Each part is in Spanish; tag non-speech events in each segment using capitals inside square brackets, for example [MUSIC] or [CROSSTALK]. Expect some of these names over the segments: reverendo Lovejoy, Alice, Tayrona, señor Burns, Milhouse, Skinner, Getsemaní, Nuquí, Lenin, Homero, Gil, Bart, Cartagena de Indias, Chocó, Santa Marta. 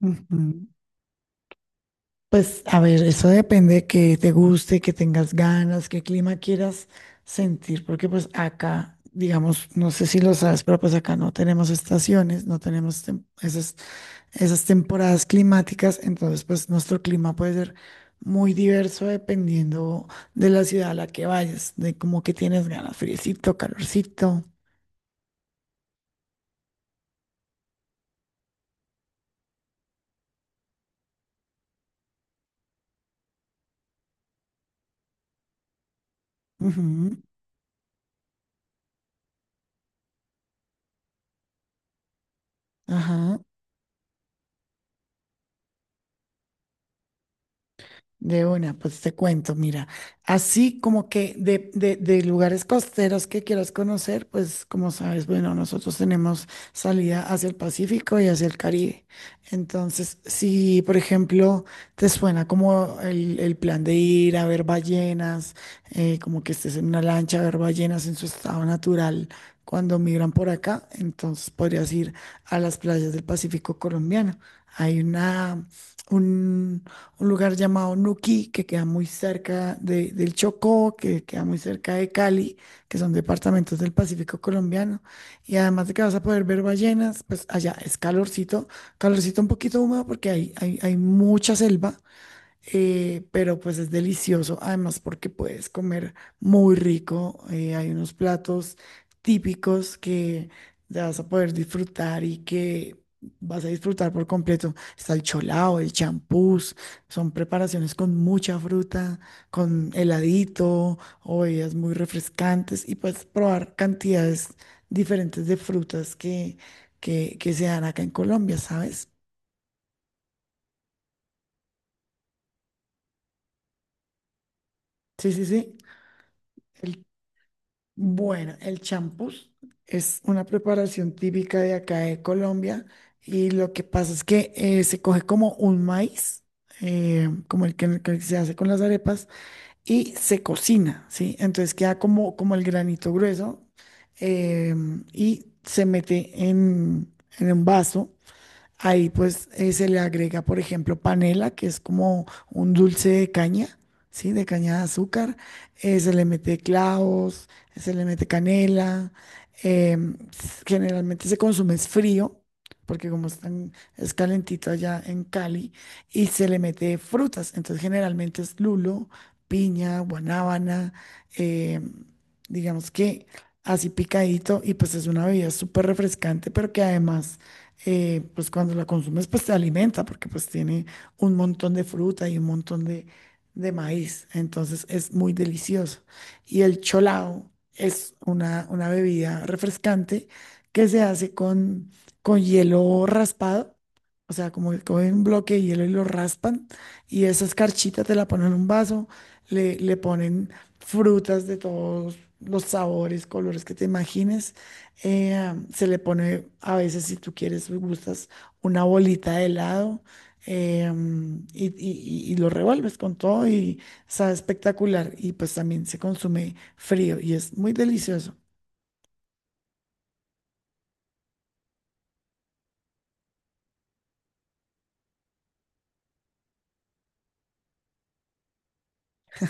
Ujú. Pues a ver, eso depende de que te guste, que tengas ganas, qué clima quieras sentir, porque pues acá, digamos, no sé si lo sabes, pero pues acá no tenemos estaciones, no tenemos esas temporadas climáticas, entonces pues nuestro clima puede ser muy diverso dependiendo de la ciudad a la que vayas, de como que tienes ganas, friecito, calorcito. Ujú, ajá. De una, pues te cuento, mira, así como que de lugares costeros que quieras conocer, pues como sabes, bueno, nosotros tenemos salida hacia el Pacífico y hacia el Caribe. Entonces, si por ejemplo te suena como el plan de ir a ver ballenas, como que estés en una lancha a ver ballenas en su estado natural cuando migran por acá, entonces podrías ir a las playas del Pacífico colombiano. Hay una... Un, un lugar llamado Nuquí, que queda muy cerca del Chocó, que queda muy cerca de Cali, que son departamentos del Pacífico colombiano. Y además de que vas a poder ver ballenas, pues allá es calorcito, calorcito un poquito húmedo porque hay mucha selva, pero pues es delicioso, además porque puedes comer muy rico, hay unos platos típicos que ya vas a poder disfrutar y que vas a disfrutar por completo. Está el cholao, el champús, son preparaciones con mucha fruta, con heladito o bebidas muy refrescantes y puedes probar cantidades diferentes de frutas que se dan acá en Colombia, ¿sabes? Sí, sí, sí. Bueno, el champús es una preparación típica de acá de Colombia y lo que pasa es que se coge como un maíz, como el que se hace con las arepas, y se cocina, ¿sí? Entonces queda como, como el granito grueso eh, y se mete en un vaso. Ahí pues se le agrega, por ejemplo, panela, que es como un dulce de caña, ¿sí? De caña de azúcar. Se le mete clavos, se le mete canela. Generalmente se consume es frío, porque como están, es calentito allá en Cali, y se le mete frutas. Entonces generalmente es lulo, piña, guanábana, em, digamos que así picadito, y pues es una bebida súper refrescante, pero que además pues cuando la consumes, pues te alimenta, porque pues tiene un montón de fruta y un montón de maíz. Entonces es muy delicioso. Y el cholao es una bebida refrescante que se hace con hielo raspado. O sea, como que cogen un bloque de hielo y lo raspan, y esa escarchita te la ponen en un vaso, le ponen frutas de todos los sabores, colores que te imagines, se le pone a veces, si tú quieres y gustas, una bolita de helado. Y lo revuelves con todo y sabe espectacular. Y pues también se consume frío y es muy delicioso.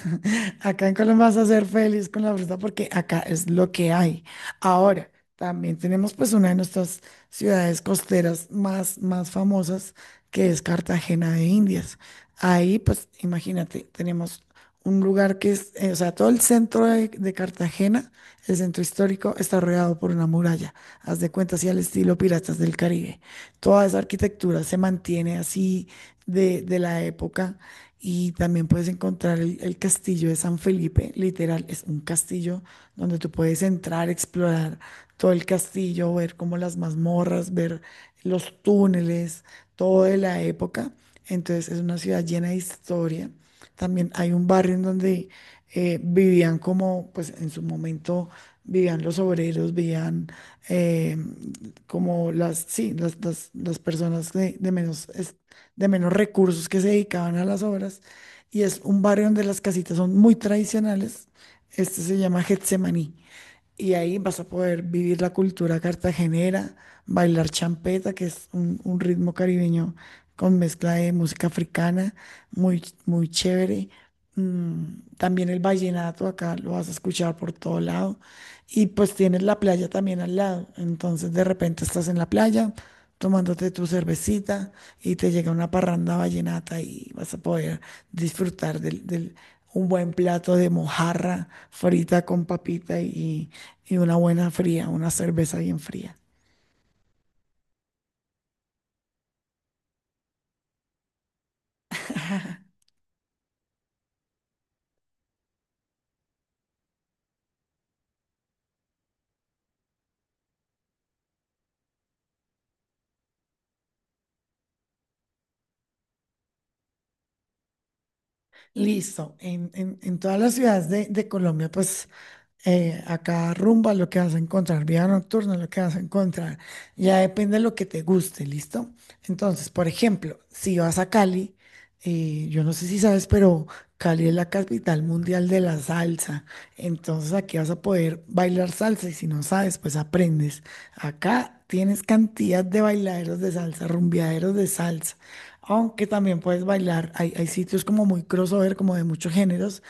[LAUGHS] Acá en Colombia vas a ser feliz con la fruta porque acá es lo que hay. Ahora, también tenemos pues una de nuestras ciudades costeras más, más famosas, que es Cartagena de Indias. Ahí, pues imagínate, tenemos un lugar que es, o sea, todo el centro de Cartagena, el centro histórico, está rodeado por una muralla. Haz de cuenta, así al estilo Piratas del Caribe. Toda esa arquitectura se mantiene así de la época y también puedes encontrar el castillo de San Felipe, literal, es un castillo donde tú puedes entrar, explorar todo el castillo, ver como las mazmorras, ver los túneles, todo de la época. Entonces es una ciudad llena de historia. También hay un barrio en donde vivían como, pues en su momento vivían los obreros, vivían eh, como las, sí, las personas de menos de menos recursos que se dedicaban a las obras. Y es un barrio donde las casitas son muy tradicionales. Este se llama Getsemaní. Y ahí vas a poder vivir la cultura cartagenera, bailar champeta, que es un ritmo caribeño con mezcla de música africana, muy, muy chévere. Mm, también el vallenato acá lo vas a escuchar por todo lado y pues tienes la playa también al lado. Entonces de repente estás en la playa tomándote tu cervecita y te llega una parranda vallenata y vas a poder disfrutar un buen plato de mojarra frita con papita y una buena fría, una cerveza bien fría. Listo. En todas las ciudades de Colombia, pues a rumba lo que vas a encontrar, vida nocturna lo que vas a encontrar, ya depende de lo que te guste, ¿listo? Entonces, por ejemplo, si vas a Cali, yo no sé si sabes, pero Cali es la capital mundial de la salsa. Entonces aquí vas a poder bailar salsa y si no sabes, pues aprendes. Acá tienes cantidad de bailaderos de salsa, rumbeaderos de salsa aunque también puedes bailar. Hay sitios como muy crossover, como de muchos géneros.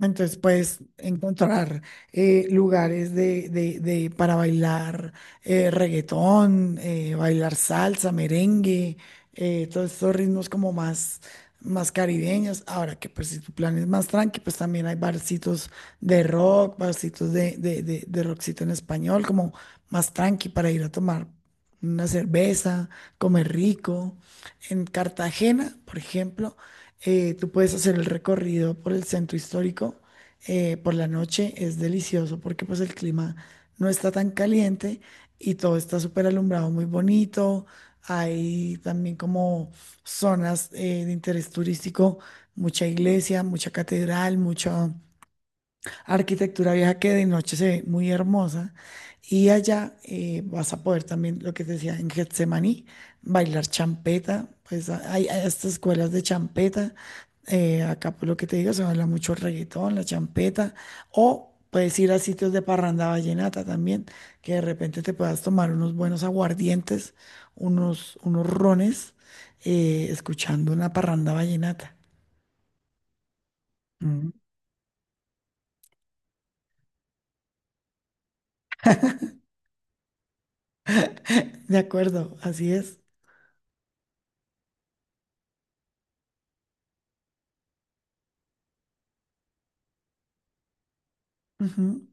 Entonces puedes encontrar lugares para bailar reggaetón, bailar salsa, merengue, todos estos ritmos como más, más caribeños. Ahora que pues si tu plan es más tranqui, pues también hay barcitos de rock, barcitos de rockcito en español, como más tranqui para ir a tomar una cerveza, comer rico. En Cartagena, por ejemplo, tú puedes hacer el recorrido por el centro histórico por la noche. Es delicioso porque pues el clima no está tan caliente y todo está súper alumbrado, muy bonito. Hay también como zonas de interés turístico, mucha iglesia, mucha catedral, mucho arquitectura vieja que de noche se ve muy hermosa. Y allá vas a poder también, lo que te decía, en Getsemaní, bailar champeta. Pues hay, hay estas escuelas de champeta. Acá, por lo que te digo, se baila mucho el reggaetón, la champeta. O puedes ir a sitios de parranda vallenata también, que de repente te puedas tomar unos buenos aguardientes, unos, unos rones, escuchando una parranda vallenata. Mm. [LAUGHS] De acuerdo, así es. Ujú.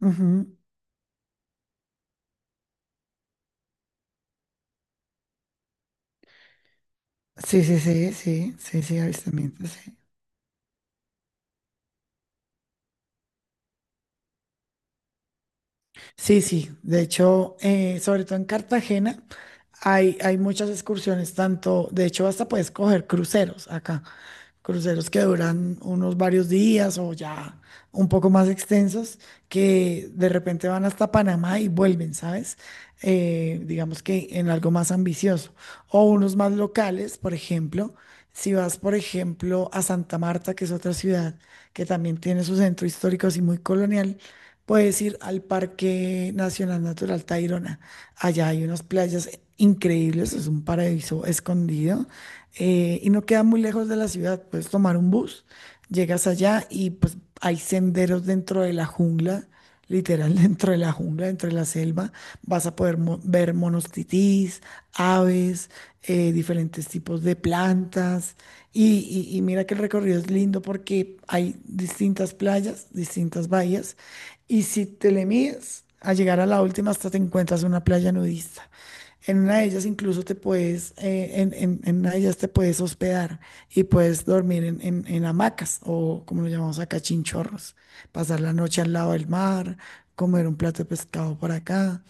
Ujú. Sí, sí, sí, sí, sí, sí, avistamientos, sí. Sí, sí, de hecho, sobre todo en Cartagena, hay muchas excursiones, tanto, de hecho, hasta puedes coger cruceros acá. Cruceros que duran unos varios días o ya un poco más extensos, que de repente van hasta Panamá y vuelven, ¿sabes? Digamos que en algo más ambicioso. O unos más locales, por ejemplo, si vas, por ejemplo, a Santa Marta, que es otra ciudad que también tiene su centro histórico así muy colonial, puedes ir al Parque Nacional Natural Tayrona. Allá hay unas playas increíbles, es un paraíso escondido y no queda muy lejos de la ciudad. Puedes tomar un bus, llegas allá y pues hay senderos dentro de la jungla, literal [LAUGHS] dentro de la jungla, dentro de la selva. Vas a poder ver monos titís, aves, diferentes tipos de plantas. Y mira que el recorrido es lindo porque hay distintas playas, distintas bahías. Y si te le mides a llegar a la última, hasta te encuentras una playa nudista. En una de ellas incluso te puedes, en una de ellas te puedes hospedar y puedes dormir en hamacas o como lo llamamos acá, chinchorros, pasar la noche al lado del mar, comer un plato de pescado por acá.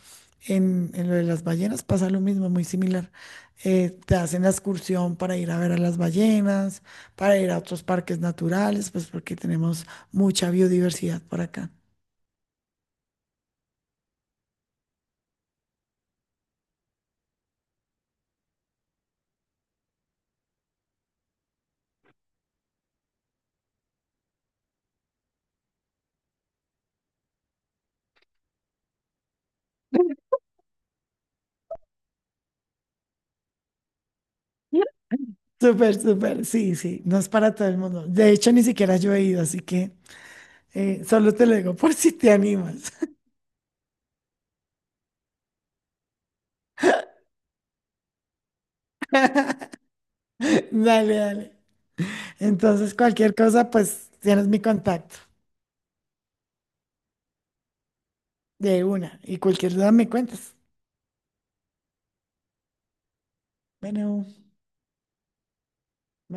En lo de las ballenas pasa lo mismo, muy similar. Te hacen la excursión para ir a ver a las ballenas, para ir a otros parques naturales, pues porque tenemos mucha biodiversidad por acá. Súper, súper, sí, sí, no es para todo el mundo. De hecho, ni siquiera yo he ido, así que... Solo te lo digo por si te animas. [LAUGHS] Dale, dale. Entonces, cualquier cosa, pues tienes mi contacto de una y cualquier duda me cuentas. Bueno, bye.